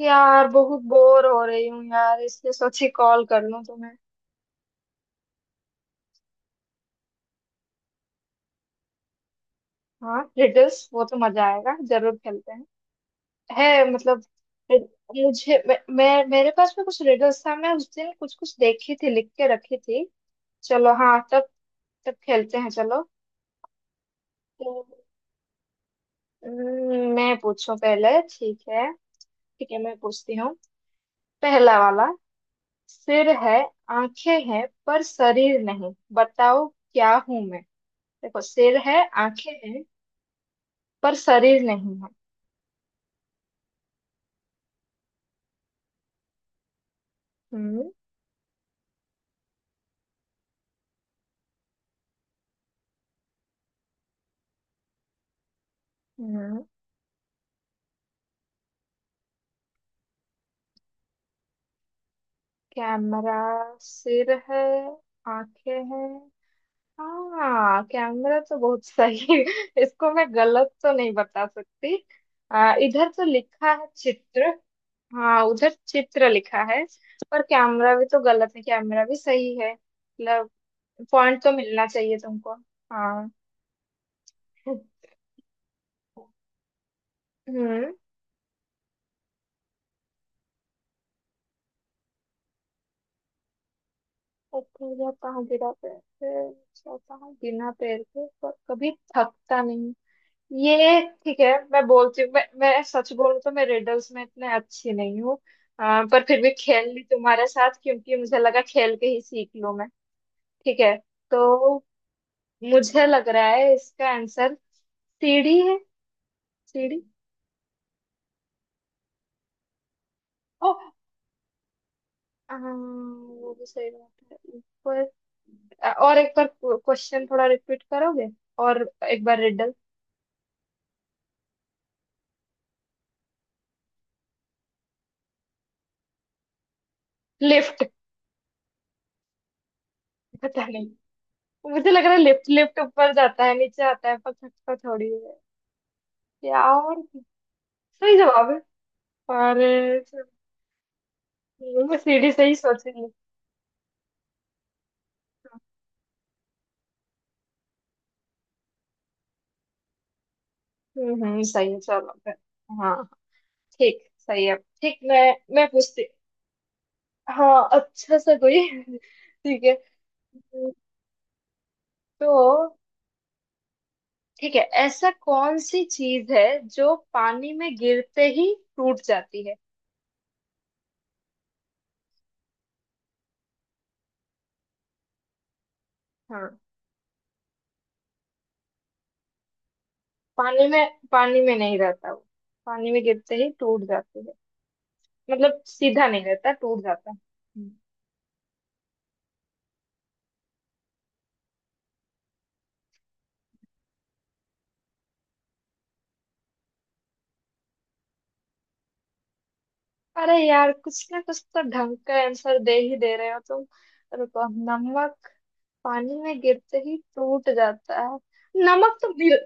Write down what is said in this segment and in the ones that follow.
यार बहुत बोर हो रही हूँ यार, इसलिए सोची कॉल कर लूँ तुम्हें। हाँ, रिडल्स, वो तो मजा आएगा, जरूर खेलते हैं। है मतलब। मुझे मैं मेरे पास में कुछ रिडल्स था। मैं उस दिन कुछ कुछ देखी थी, लिख के रखी थी। चलो हाँ, तब। तब खेलते हैं, चलो। तो, मैं पूछूं पहले, ठीक है? ठीक है, मैं पूछती हूँ। पहला वाला। सिर है, आंखें हैं, पर शरीर नहीं। बताओ क्या हूं मैं? देखो, सिर है, आंखें हैं, पर शरीर नहीं है। हम्म, हम्म। कैमरा। सिर है, आंखें हैं। हाँ, कैमरा तो बहुत सही इसको मैं गलत तो नहीं बता सकती। इधर तो लिखा है चित्र। हाँ, उधर चित्र लिखा है। पर कैमरा भी तो गलत है, कैमरा भी सही है मतलब। पॉइंट तो मिलना चाहिए तुमको। हाँ। हम्म। ऊपर जाता हूँ बिना पैर के, जाता हूँ बिना पैर के, पर कभी थकता नहीं। ये ठीक है, मैं बोलती हूँ, मैं सच बोलूँ तो मैं रिडल्स में इतने अच्छी नहीं हूँ। पर फिर भी खेल ली तुम्हारे साथ, क्योंकि मुझे लगा खेल के ही सीख लूँ मैं। ठीक है। तो मुझे लग रहा है इसका आंसर सीढ़ी है, सीढ़ी। ओ। वो भी सही बात है, ऊपर। और एक बार क्वेश्चन थोड़ा रिपीट करोगे? और एक बार रिडल। लिफ्ट। पता नहीं। मुझे लग रहा है लिफ्ट। लिफ्ट ऊपर जाता है, नीचे आता है, पर खटका थोड़ी है। यार। सही जवाब है। और। चलो, मैं सीढ़ी से ही सोच रही हूँ। हम्म, सही है, चलो फिर। हाँ। ठीक, सही है, ठीक। मैं पूछती। हाँ, अच्छा सा कोई ठीक है। हम्म। तो। ठीक है। ऐसा कौन सी चीज है जो पानी में गिरते ही टूट जाती है? हाँ। पानी में नहीं रहता वो। पानी में गिरते ही टूट जाती है। मतलब, सीधा नहीं रहता, टूट जाता है। अरे यार, कुछ ना कुछ तो ढंग का आंसर दे ही दे रहे हो तुम। रुको। नमक। पानी में गिरते ही टूट जाता है? नमक तो मिल।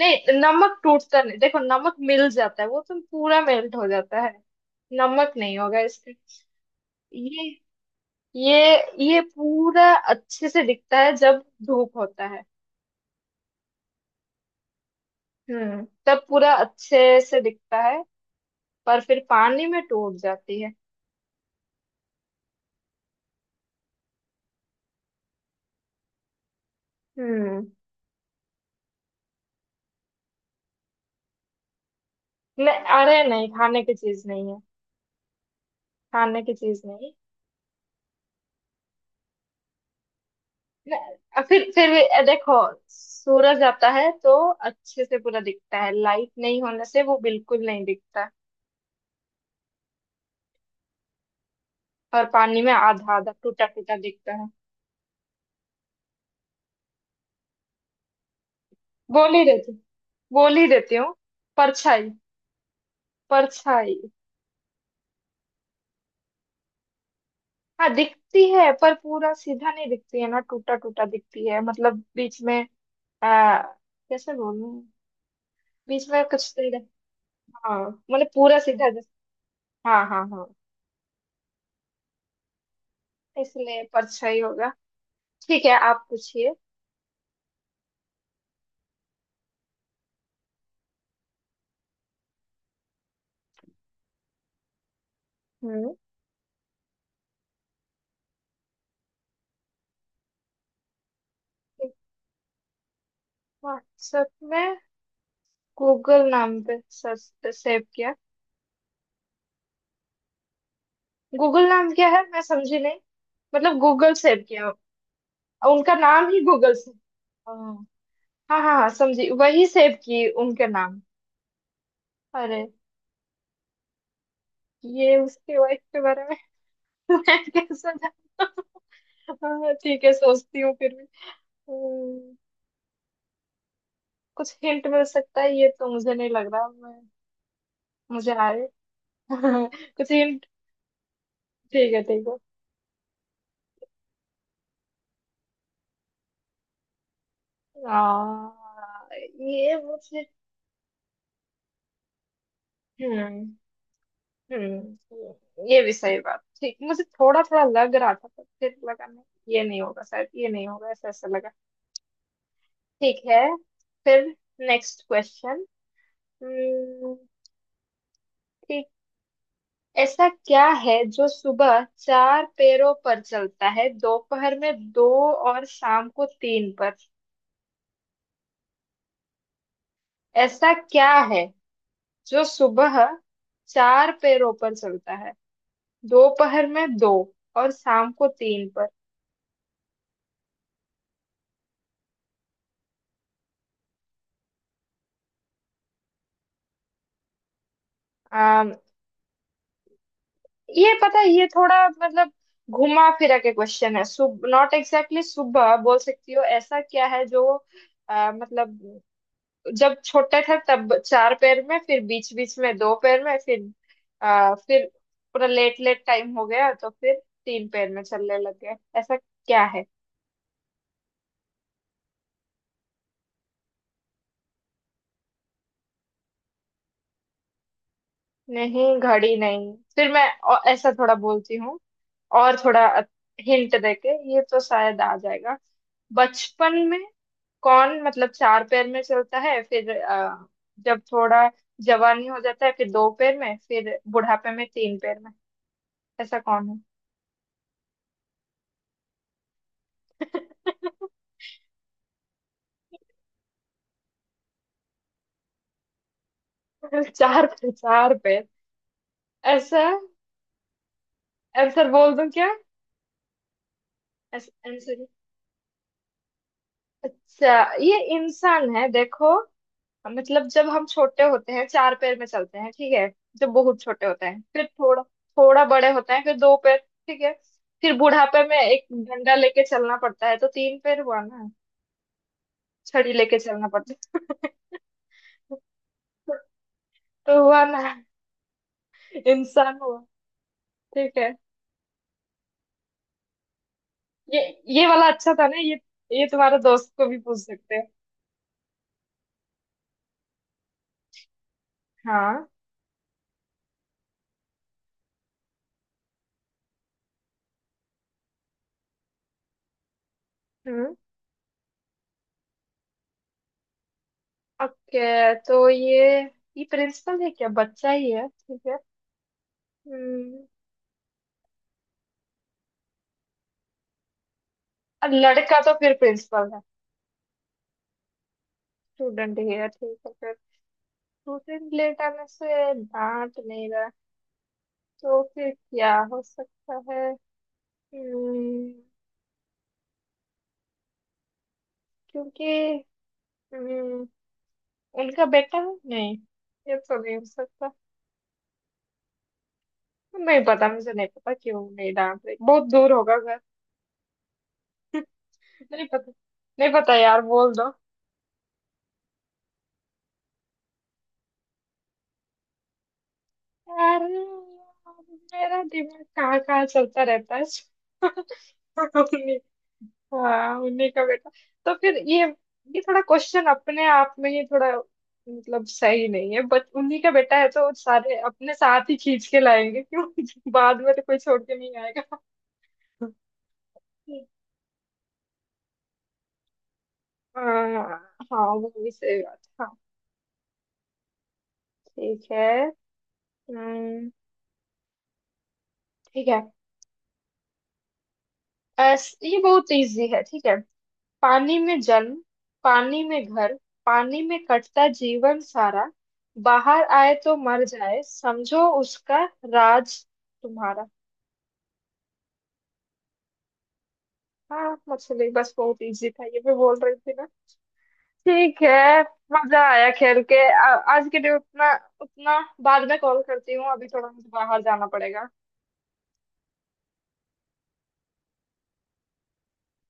नहीं, नमक टूटता नहीं। देखो, नमक मिल जाता है, वो तो पूरा मेल्ट हो जाता है। नमक नहीं होगा इसमें। ये ये ये पूरा अच्छे से दिखता है जब धूप होता है। तब पूरा अच्छे से दिखता है। पर फिर पानी में टूट जाती है। हम्म। नहीं, अरे नहीं, खाने की चीज नहीं है। खाने की चीज नहीं। फिर भी, देखो। सूरज आता है तो अच्छे से पूरा दिखता है, लाइट नहीं होने से वो बिल्कुल नहीं दिखता। और पानी में आधा आधा, टूटा टूटा दिखता है। बोल ही देती बोल ही देती हूँ। परछाई। परछाई। हाँ, दिखती है, पर पूरा सीधा नहीं दिखती है ना, टूटा टूटा दिखती है, मतलब बीच में। आ, कैसे बोलूं। बीच में कुछ नहीं दिख-। हाँ। मतलब पूरा सीधा दिख-। हाँ, हाँ, हाँ। इसलिए परछाई होगा। ठीक है, आप पूछिए। हम्म। व्हाट्सएप में। गूगल नाम पे सेव किया। गूगल नाम क्या है? मैं समझी नहीं। मतलब गूगल सेव किया? और उनका नाम ही गूगल से? हाँ, हाँ, हाँ, समझी, वही सेव की उनके नाम। अरे। ये उसके वाइफ के बारे में। मैं कैसे जानता? हाँ, ठीक है, सोचती हूँ फिर भी। हम्म, कुछ हिंट मिल सकता है? ये तो मुझे नहीं लग रहा मैं। मुझे आए। कुछ हिंट। ठीक है, ठीक है। ये मुझे। हम्म। हम्म। ये भी सही बात, ठीक, मुझे थोड़ा थोड़ा लग रहा था, पर फिर लगा नहीं। ये नहीं होगा शायद, ये नहीं होगा, ऐसा ऐसा लगा। ठीक है। फिर। Next question. ठीक। ऐसा क्या है जो सुबह चार पैरों पर चलता है, दोपहर में दो और शाम को तीन पर? ऐसा क्या है जो सुबह चार पैरों पर चलता है, दोपहर में दो और शाम को तीन पर? ये पता है, ये थोड़ा मतलब, घुमा फिरा के क्वेश्चन है। सुब नॉट एग्जैक्टली सुबह बोल सकती हो, ऐसा क्या है जो, मतलब, जब छोटे थे तब चार पैर में, फिर बीच बीच में दो पैर में, फिर फिर पूरा लेट लेट टाइम हो गया तो फिर तीन पैर में चलने लग गए, ऐसा क्या है? नहीं, घड़ी नहीं। फिर मैं ऐसा थोड़ा बोलती हूँ। और थोड़ा हिंट देके ये तो शायद आ जाएगा। बचपन में। कौन, मतलब, चार पैर में चलता है, फिर जब थोड़ा जवानी हो जाता है फिर दो पैर में, फिर बुढ़ापे में तीन पैर में। ऐसा कौन है? चार पैर, चार पैर। ऐसा। आंसर बोल दूं क्या? ऐसा आंसर। अच्छा, ये इंसान है, देखो। मतलब जब हम छोटे होते हैं चार पैर में चलते हैं, ठीक है? जब बहुत छोटे होते हैं, फिर थोड़ा थोड़ा बड़े होते हैं, फिर दो पैर। ठीक है। फिर बुढ़ापे में एक डंडा लेके चलना पड़ता है, तो तीन पैर हुआ ना? छड़ी लेके चलना पड़ता है। तो हुआ ना। इंसान हुआ। ठीक है। ये ये वाला अच्छा था ना, ये। ये तुम्हारे दोस्त को भी पूछ सकते हैं। हाँ। हम्म। ओके, तो ये प्रिंसिपल है क्या? बच्चा ही है, ठीक है। हम्म। लड़का तो फिर प्रिंसिपल है। स्टूडेंट हेयर, ठीक है फिर। रूटीन लेट आने से डांट नहीं रहा, तो फिर क्या हो सकता है? हम्म, क्योंकि, हम्म, उनका बेटा है? नहीं, ये तो नहीं हो सकता। नहीं पता, मुझे नहीं पता क्यों नहीं डांट रही, बहुत दूर होगा घर। नहीं पता। नहीं पता यार, बोल दो। यार, मेरा दिमाग कहाँ कहाँ चलता रहता है। हाँ, उन्हीं का बेटा। तो फिर ये थोड़ा क्वेश्चन अपने आप में ही थोड़ा, मतलब सही नहीं है, बट उन्हीं का बेटा है तो सारे अपने साथ ही खींच के लाएंगे क्यों। बाद में तो कोई छोड़ के नहीं आएगा। आ, हाँ, वो भी सही बात है। हाँ। ठीक है। हम्म। ठीक है। ये बहुत इजी है, ठीक है। पानी में जन्म, पानी में घर, पानी में कटता जीवन सारा, बाहर आए तो मर जाए, समझो उसका राज तुम्हारा। हाँ, मछली। बस बहुत इजी था ये, मैं बोल रही थी ना। ठीक है। मजा आया खेल के। आज के लिए उतना, उतना बाद में कॉल करती हूँ, अभी थोड़ा मुझे बाहर जाना पड़ेगा।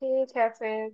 ठीक है फिर।